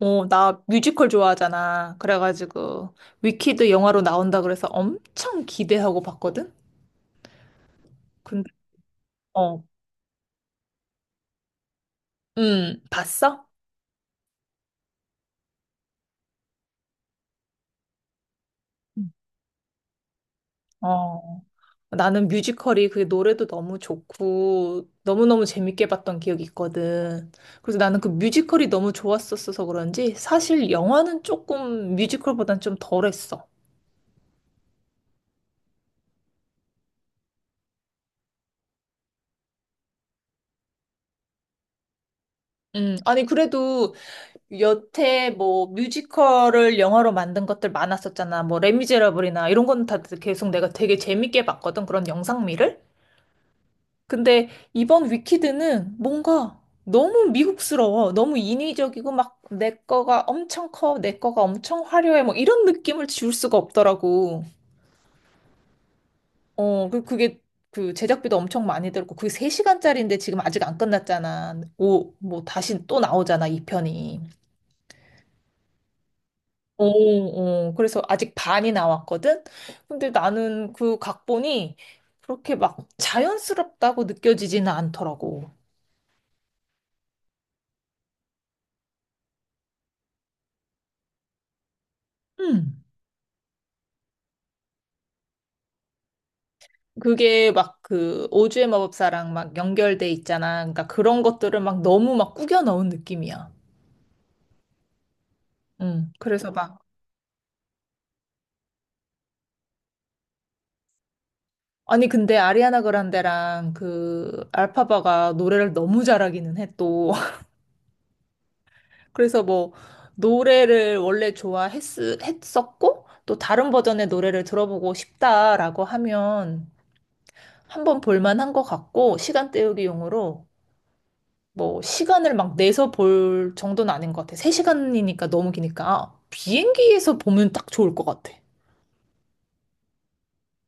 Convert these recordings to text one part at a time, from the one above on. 어, 나 뮤지컬 좋아하잖아. 그래가지고, 위키드 영화로 나온다 그래서 엄청 기대하고 봤거든? 근데, 어, 봤어? 음. 어, 나는 뮤지컬이 그 노래도 너무 좋고, 너무너무 재밌게 봤던 기억이 있거든. 그래서 나는 그 뮤지컬이 너무 좋았었어서 그런지, 사실 영화는 조금 뮤지컬보단 좀 덜했어. 아니, 그래도 여태 뭐 뮤지컬을 영화로 만든 것들 많았었잖아. 뭐 레미제라블이나 이런 건 다 계속 내가 되게 재밌게 봤거든. 그런 영상미를. 근데 이번 위키드는 뭔가 너무 미국스러워. 너무 인위적이고 막 내 거가 엄청 커. 내 거가 엄청 화려해. 뭐 이런 느낌을 지울 수가 없더라고. 어, 그게 그 제작비도 엄청 많이 들고 었 그게 3시간짜리인데 지금 아직 안 끝났잖아. 오, 뭐 다시 또 나오잖아, 이편이. 오, 오. 그래서 아직 반이 나왔거든? 근데 나는 그 각본이 그렇게 막 자연스럽다고 느껴지지는 않더라고. 음. 그게 막 그 오즈의 마법사랑 막 연결돼 있잖아. 그러니까 그런 것들을 막 너무 막 꾸겨 넣은 느낌이야. 음. 그래서 막 아니 근데 아리아나 그란데랑 그 알파바가 노래를 너무 잘하기는 해 또. 그래서 뭐 노래를 원래 좋아했었고 또 다른 버전의 노래를 들어보고 싶다라고 하면 한번 볼만한 것 같고 시간 때우기용으로 뭐 시간을 막 내서 볼 정도는 아닌 것 같아. 3시간이니까 너무 기니까 아, 비행기에서 보면 딱 좋을 것 같아.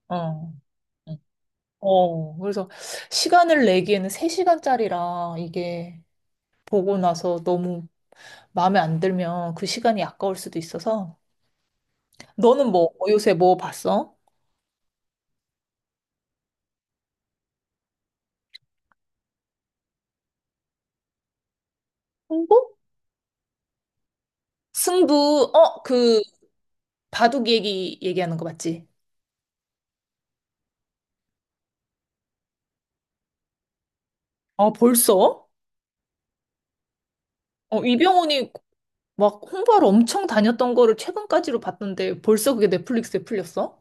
어. 응. 어, 그래서 시간을 내기에는 3시간짜리라 이게 보고 나서 너무 마음에 안 들면 그 시간이 아까울 수도 있어서. 너는 뭐 어, 요새 뭐 봤어? 승부? 승부, 어, 그, 바둑 얘기, 얘기하는 거 맞지? 아, 벌써? 어, 이병헌이 막 홍보하러 엄청 다녔던 거를 최근까지로 봤던데 벌써 그게 넷플릭스에 풀렸어?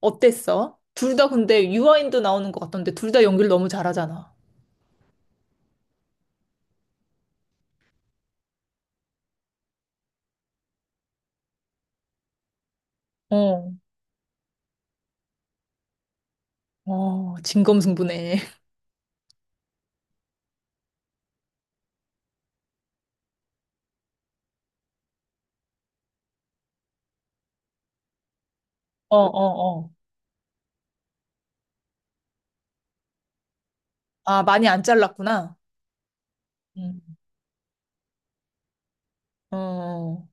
어땠어? 둘 다 근데 유아인도 나오는 것 같던데 둘 다 연기를 너무 잘하잖아. 어, 어, 진검승부네. 어, 어, 어. 아, 많이 안 잘랐구나. 음. 어,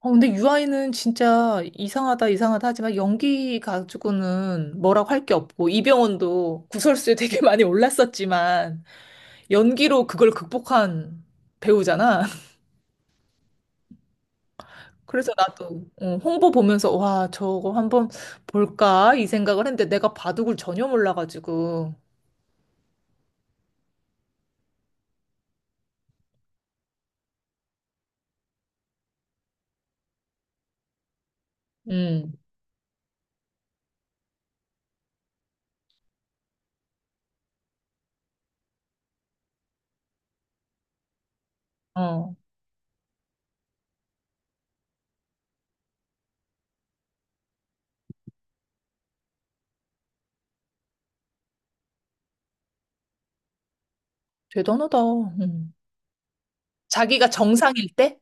어, 근데 유아인은 진짜 이상하다, 이상하다 하지만 연기 가지고는 뭐라고 할 게 없고, 이병헌도 구설수에 되게 많이 올랐었지만, 연기로 그걸 극복한 배우잖아. 그래서 나도 어, 홍보 보면서, 와, 저거 한번 볼까? 이 생각을 했는데 내가 바둑을 전혀 몰라가지고, 음, 어, 대단하다. 음. 자기가 정상일 때,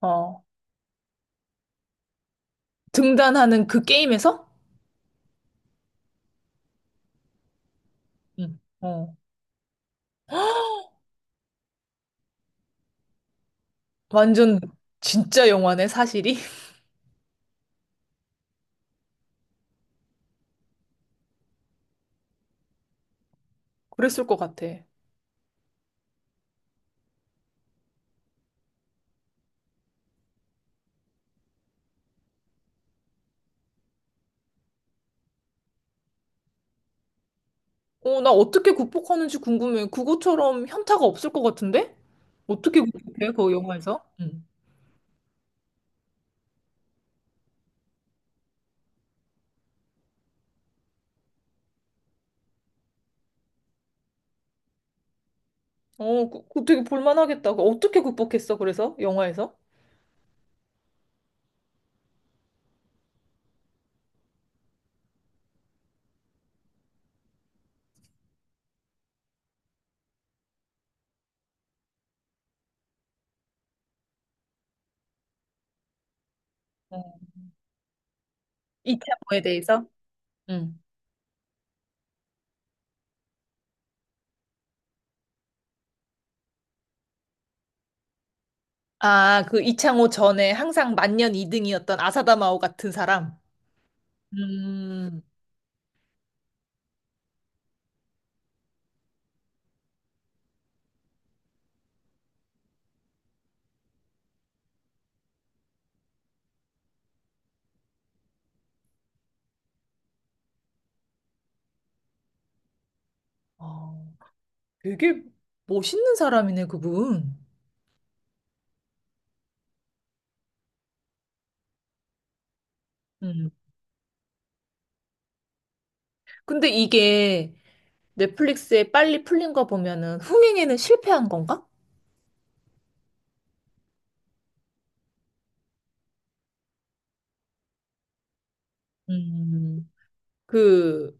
어, 등단하는 그 게임에서, 어, 완전 진짜 영화네, 사실이. 그랬을 것 같아. 어, 나 어떻게 극복하는지 궁금해. 그거처럼 현타가 없을 것 같은데? 어떻게 극복해, 그 영화에서? 응. 어, 그 되게 볼만하겠다. 그 어떻게 극복했어, 그래서? 영화에서? 어, 이창호에 대해서? 응. 아, 그 이창호 전에 항상 만년 2등이었던 아사다마오 같은 사람? 음. 어, 되게 멋있는 사람이네, 그분. 음. 근데 이게 넷플릭스에 빨리 풀린 거 보면은 흥행에는 실패한 건가? 음. 그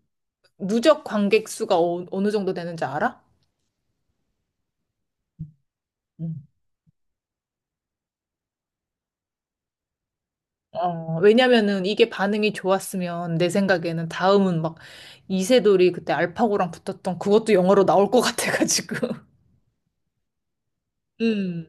누적 관객 수가 어, 어느 정도 되는지 알아? 음. 어, 왜냐면은 이게 반응이 좋았으면 내 생각에는 다음은 막 이세돌이 그때 알파고랑 붙었던 그것도 영화로 나올 것 같아가지고. 음.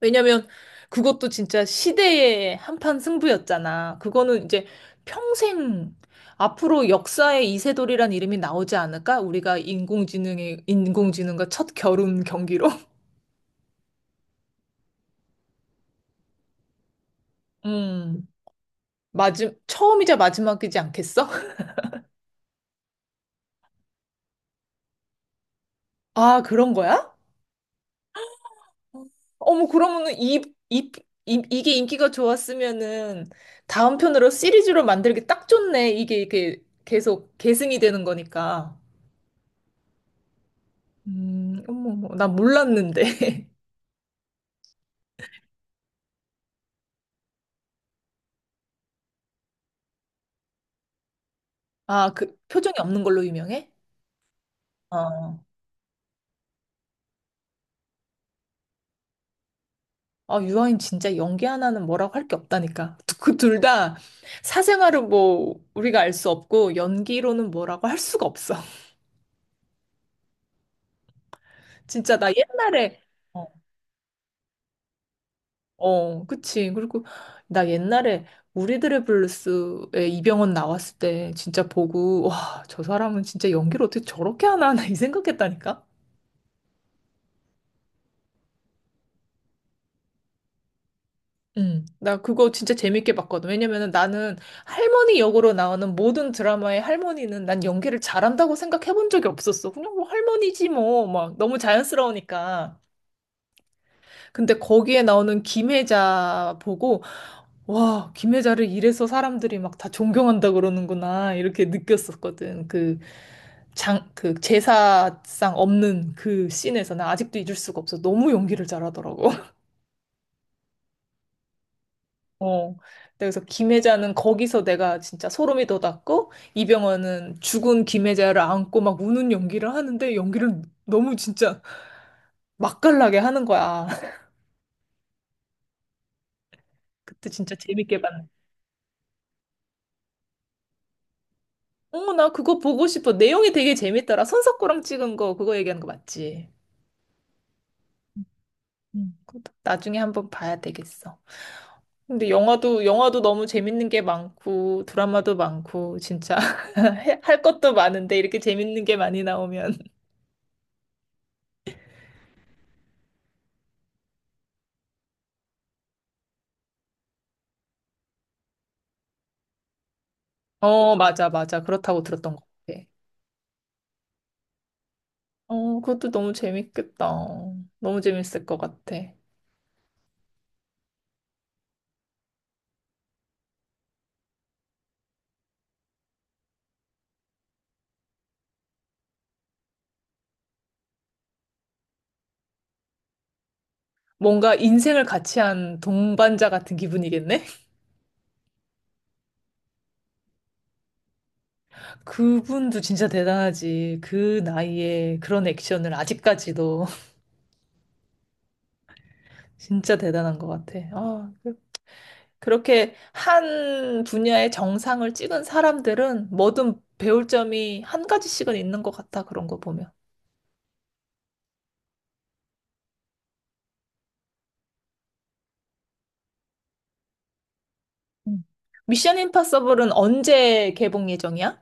왜냐면 그것도 진짜 시대의 한판 승부였잖아. 그거는 이제 평생 앞으로 역사에 이세돌이란 이름이 나오지 않을까? 우리가 인공지능의 인공지능과 첫 겨룬 경기로. 음. 마지, 처음이자 마지막이지 않겠어? 아, 그런 거야? 어머, 그러면은 이, 이, 이, 이게 인기가 좋았으면은 다음 편으로 시리즈로 만들기 딱 좋네. 이게 계속 계승이 되는 거니까. 어머, 어머, 나 몰랐는데. 아, 그 표정이 없는 걸로 유명해? 어. 아, 유아인 진짜 연기 하나는 뭐라고 할 게 없다니까. 그 둘 다 사생활은 뭐 우리가 알 수 없고 연기로는 뭐라고 할 수가 없어. 진짜 나 옛날에 어, 어, 그치. 그리고 나 옛날에 우리들의 블루스에 이병헌 나왔을 때 진짜 보고, 와, 저 사람은 진짜 연기를 어떻게 저렇게 하나, 나이 생각했다니까? 응, 나 그거 진짜 재밌게 봤거든. 왜냐면은 나는 할머니 역으로 나오는 모든 드라마의 할머니는 난 연기를 잘한다고 생각해 본 적이 없었어. 그냥 뭐 할머니지 뭐, 막 너무 자연스러우니까. 근데 거기에 나오는 김혜자 보고, 와, 김혜자를 이래서 사람들이 막 다 존경한다 그러는구나, 이렇게 느꼈었거든. 그 장, 그 제사상 없는 그 씬에서 나 아직도 잊을 수가 없어. 너무 연기를 잘하더라고. 어. 그래서 김혜자는 거기서 내가 진짜 소름이 돋았고, 이병헌은 죽은 김혜자를 안고 막 우는 연기를 하는데, 연기를 너무 진짜 맛깔나게 하는 거야. 그때 진짜 재밌게 봤는데. 어, 나 그거 보고 싶어. 내용이 되게 재밌더라. 손석구랑 찍은 거, 그거 얘기하는 거 맞지? 음. 그것도 나중에 한번 봐야 되겠어. 근데 영화도 너무 재밌는 게 많고, 드라마도 많고, 진짜. 해- 할 것도 많은데, 이렇게 재밌는 게 많이 나오면. 어, 맞아, 맞아. 그렇다고 들었던 것 같아. 어, 그것도 너무 재밌겠다. 너무 재밌을 것 같아. 뭔가 인생을 같이 한 동반자 같은 기분이겠네? 그분도 진짜 대단하지. 그 나이에 그런 액션을 아직까지도 진짜 대단한 것 같아. 아, 그- 그렇게 한 분야의 정상을 찍은 사람들은 뭐든 배울 점이 한 가지씩은 있는 것 같아. 그런 거 보면. 음. 미션 임파서블은 언제 개봉 예정이야?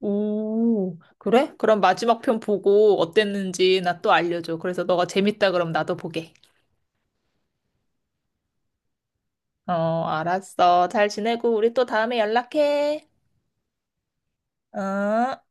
오, 그래? 그럼 마지막 편 보고 어땠는지 나 또 알려줘. 그래서 너가 재밌다 그럼 나도 보게. 어, 알았어. 잘 지내고 우리 또 다음에 연락해. 어?